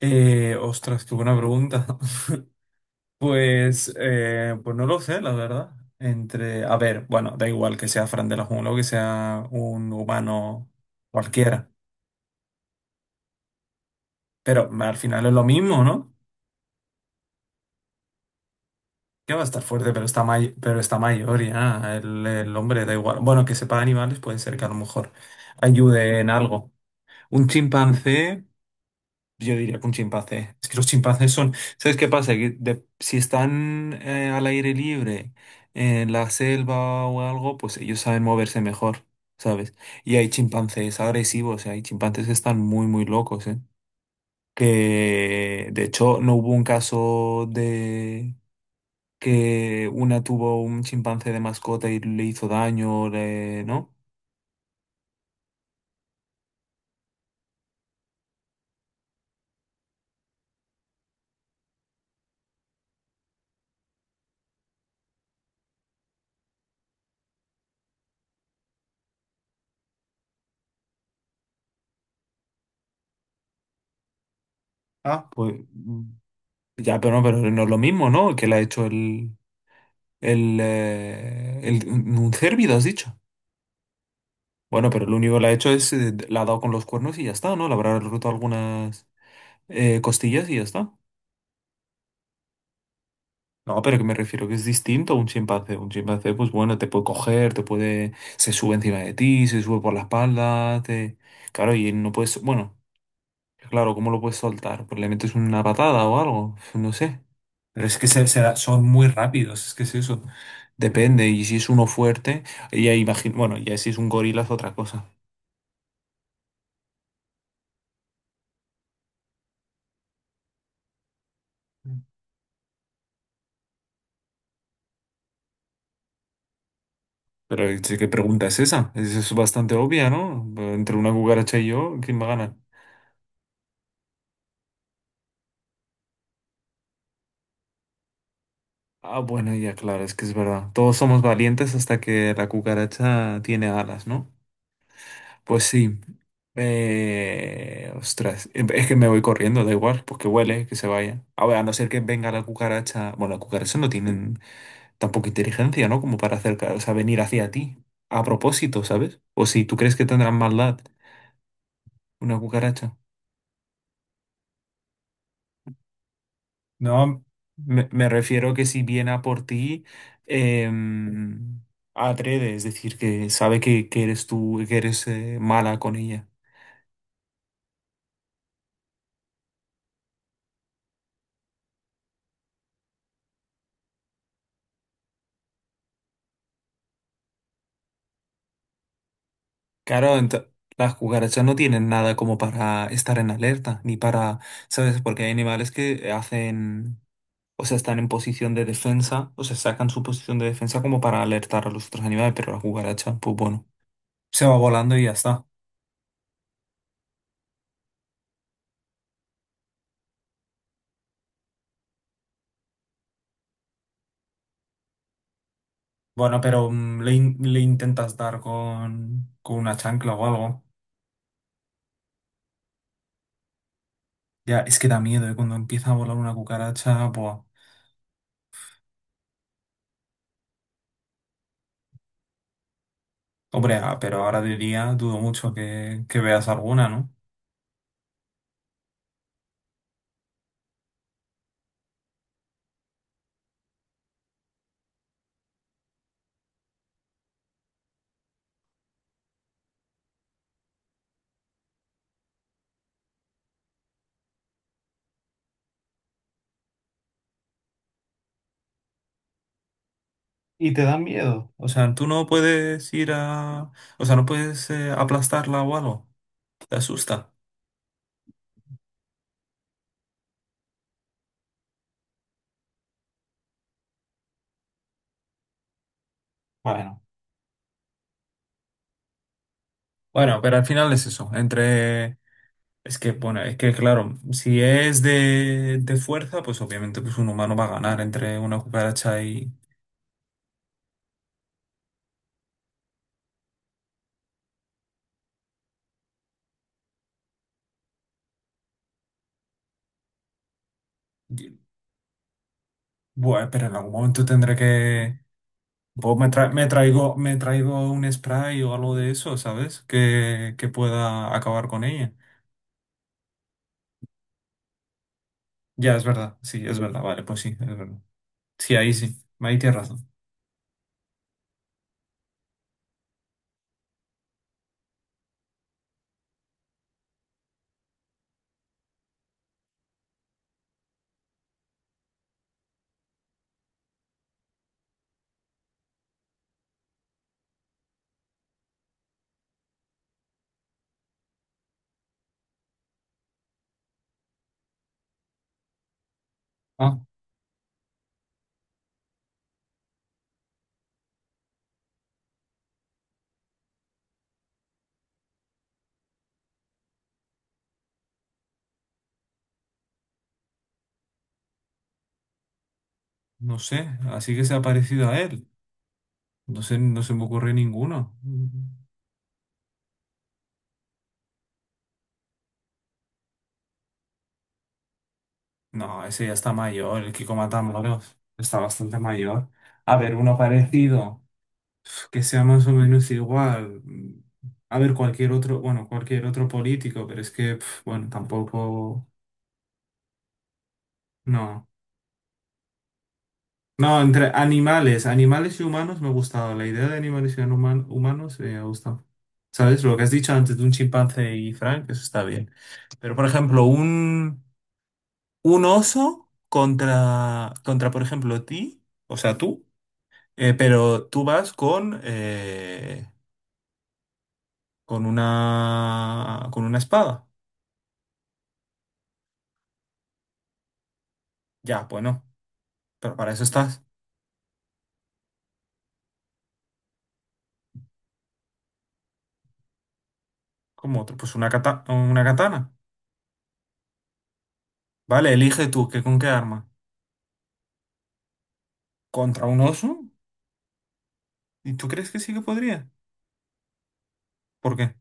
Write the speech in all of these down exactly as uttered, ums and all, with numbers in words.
Eh, ostras, qué buena pregunta. Pues, eh, pues no lo sé, la verdad. Entre, a ver, bueno, da igual que sea Fran de la Jungla o que sea un humano cualquiera, pero al final es lo mismo, ¿no? Que va a estar fuerte, pero está, may- pero está mayor ya, el, el hombre da igual. Bueno, que sepa de animales puede ser que a lo mejor ayude en algo. Un chimpancé. Yo diría que un chimpancé. Es que los chimpancés son. ¿Sabes qué pasa? Que de- si están eh, al aire libre, en la selva o algo, pues ellos saben moverse mejor, ¿sabes? Y hay chimpancés agresivos, hay chimpancés que están muy, muy locos, ¿eh? Que de hecho no hubo un caso de que una tuvo un chimpancé de mascota y le hizo daño, le- ¿no? Ah, pues mm, ya, pero no, pero no es lo mismo, ¿no? Que le ha hecho el. El, eh, el, un cérvido, has dicho. Bueno, pero lo único que le ha hecho es, eh, la ha dado con los cuernos y ya está, ¿no? Le habrá roto algunas eh, costillas y ya está. No, pero que me refiero que es distinto a un chimpancé. Un chimpancé, pues bueno, te puede coger, te puede, se sube encima de ti, se sube por la espalda, te... Claro, y no puedes, bueno. Claro, ¿cómo lo puedes soltar? Pues le metes una patada o algo, no sé. Pero es que se- se da- son muy rápidos, es que es eso. Depende, y si es uno fuerte, ya imagino, bueno, ya si es un gorila es otra cosa. Pero sí, ¿qué pregunta es esa? Es, es bastante obvia, ¿no? Entre una cucaracha y yo, ¿quién me gana? Ah, bueno, ya claro, es que es verdad. Todos somos valientes hasta que la cucaracha tiene alas, ¿no? Pues sí. Eh, ostras, em, es que me voy corriendo, da igual, pues que huele, que se vaya. A ver, a no ser que venga la cucaracha. Bueno, las cucarachas no tienen tampoco inteligencia, ¿no? Como para acercar, o sea, venir hacia ti. A propósito, ¿sabes? O si tú crees que tendrán maldad una cucaracha. No, Me, me refiero que si viene a por ti, em, atreve, es decir, que sabe que, que eres tú, que eres eh, mala con ella. Claro, ento- las cucarachas no tienen nada como para estar en alerta, ni para, ¿sabes? Porque hay animales que hacen, o sea, están en posición de defensa, o sea, sacan su posición de defensa como para alertar a los otros animales, pero la cucaracha, pues bueno, se va volando y ya está. Bueno, pero mm, le, in- le intentas dar con, con una chancla o algo. Ya, es que da miedo, ¿eh? Cuando empieza a volar una cucaracha, pues, hombre, ah, pero ahora de día dudo mucho que, que veas alguna, ¿no? Y te da miedo. O sea, tú no puedes ir a... O sea, no puedes eh, aplastarla o algo. Te asusta. Bueno, bueno, pero al final es eso. Entre... Es que, bueno, es que claro, si es de, de fuerza, pues obviamente pues un humano va a ganar entre una cucaracha y... y- Bueno, pero en algún momento tendré que... pues, me, tra- me traigo, me traigo un spray o algo de eso, ¿sabes? Que, que pueda acabar con ella. Ya, es verdad. Sí, es verdad. Vale, pues sí, es verdad. Sí, ahí sí. Ahí tienes razón. Ah, no sé, así que se ha parecido a él. No sé, no se me ocurre ninguno. No, ese ya está mayor, el Kiko Matamoros. Está bastante mayor. A ver, uno parecido, que sea más o menos igual. A ver, cualquier otro, bueno, cualquier otro político, pero es que, pf, bueno, tampoco, no. No, entre animales, animales y humanos me ha gustado. La idea de animales y human- humanos eh, me ha gustado. ¿Sabes? Lo que has dicho antes de un chimpancé y Frank, eso está bien. Pero, por ejemplo, un, un oso contra, contra, por ejemplo, ti, o sea, tú, eh, pero tú vas con, eh, con una, con una espada. Ya, pues no. Pero para eso estás. Como otro, pues una kata- una katana. Vale, elige tú, ¿qué, con qué arma? ¿Contra un oso? ¿Y tú crees que sí que podría? ¿Por qué?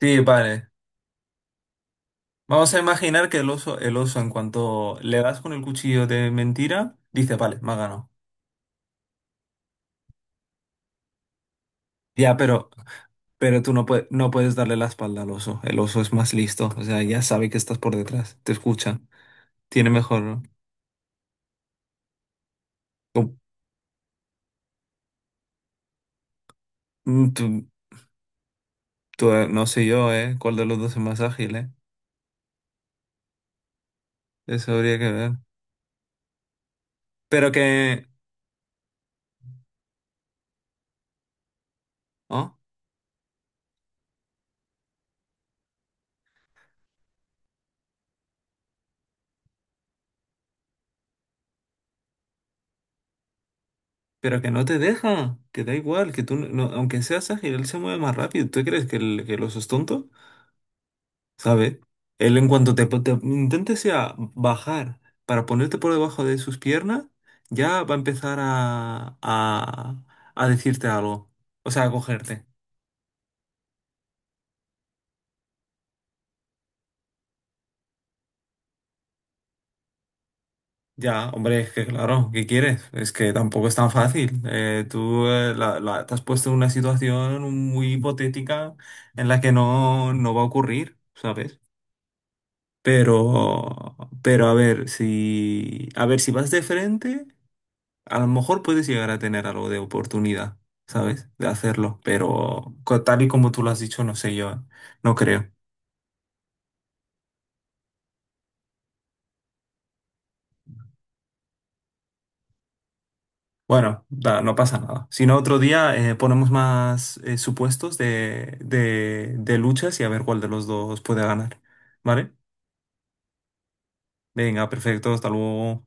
Sí, vale. Vamos a imaginar que el oso, el oso, en cuanto le das con el cuchillo de mentira, dice, vale, me ha ganado. Ya, pero, pero tú no puedes, no puedes darle la espalda al oso. El oso es más listo. O sea, ya sabe que estás por detrás. Te escucha. Tiene mejor. ¿No? Tú, mm, tú- tú, eh, no sé yo, ¿eh? ¿Cuál de los dos es más ágil, eh? Eso habría que ver. Pero que. ¿Oh? Pero que no te deja. Que da igual. Que tú, no- no- aunque seas ágil, él se mueve más rápido. ¿Tú crees que el, que el oso es tonto? ¿Sabe? Él en cuanto te, te intentes ya bajar para ponerte por debajo de sus piernas, ya va a empezar a, a, a decirte algo. O sea, a cogerte. Ya, hombre, es que claro, ¿qué quieres? Es que tampoco es tan fácil. Eh, tú eh, la- la- te has puesto en una situación muy hipotética en la que no, no va a ocurrir, ¿sabes? Pero, pero a ver, si, a ver, si vas de frente, a lo mejor puedes llegar a tener algo de oportunidad, ¿sabes? De hacerlo, pero co- tal y como tú lo has dicho, no sé, yo no creo. Bueno, da- no pasa nada. Si no, otro día eh, ponemos más eh, supuestos de, de, de luchas y a ver cuál de los dos puede ganar, ¿vale? Venga, perfecto, hasta luego.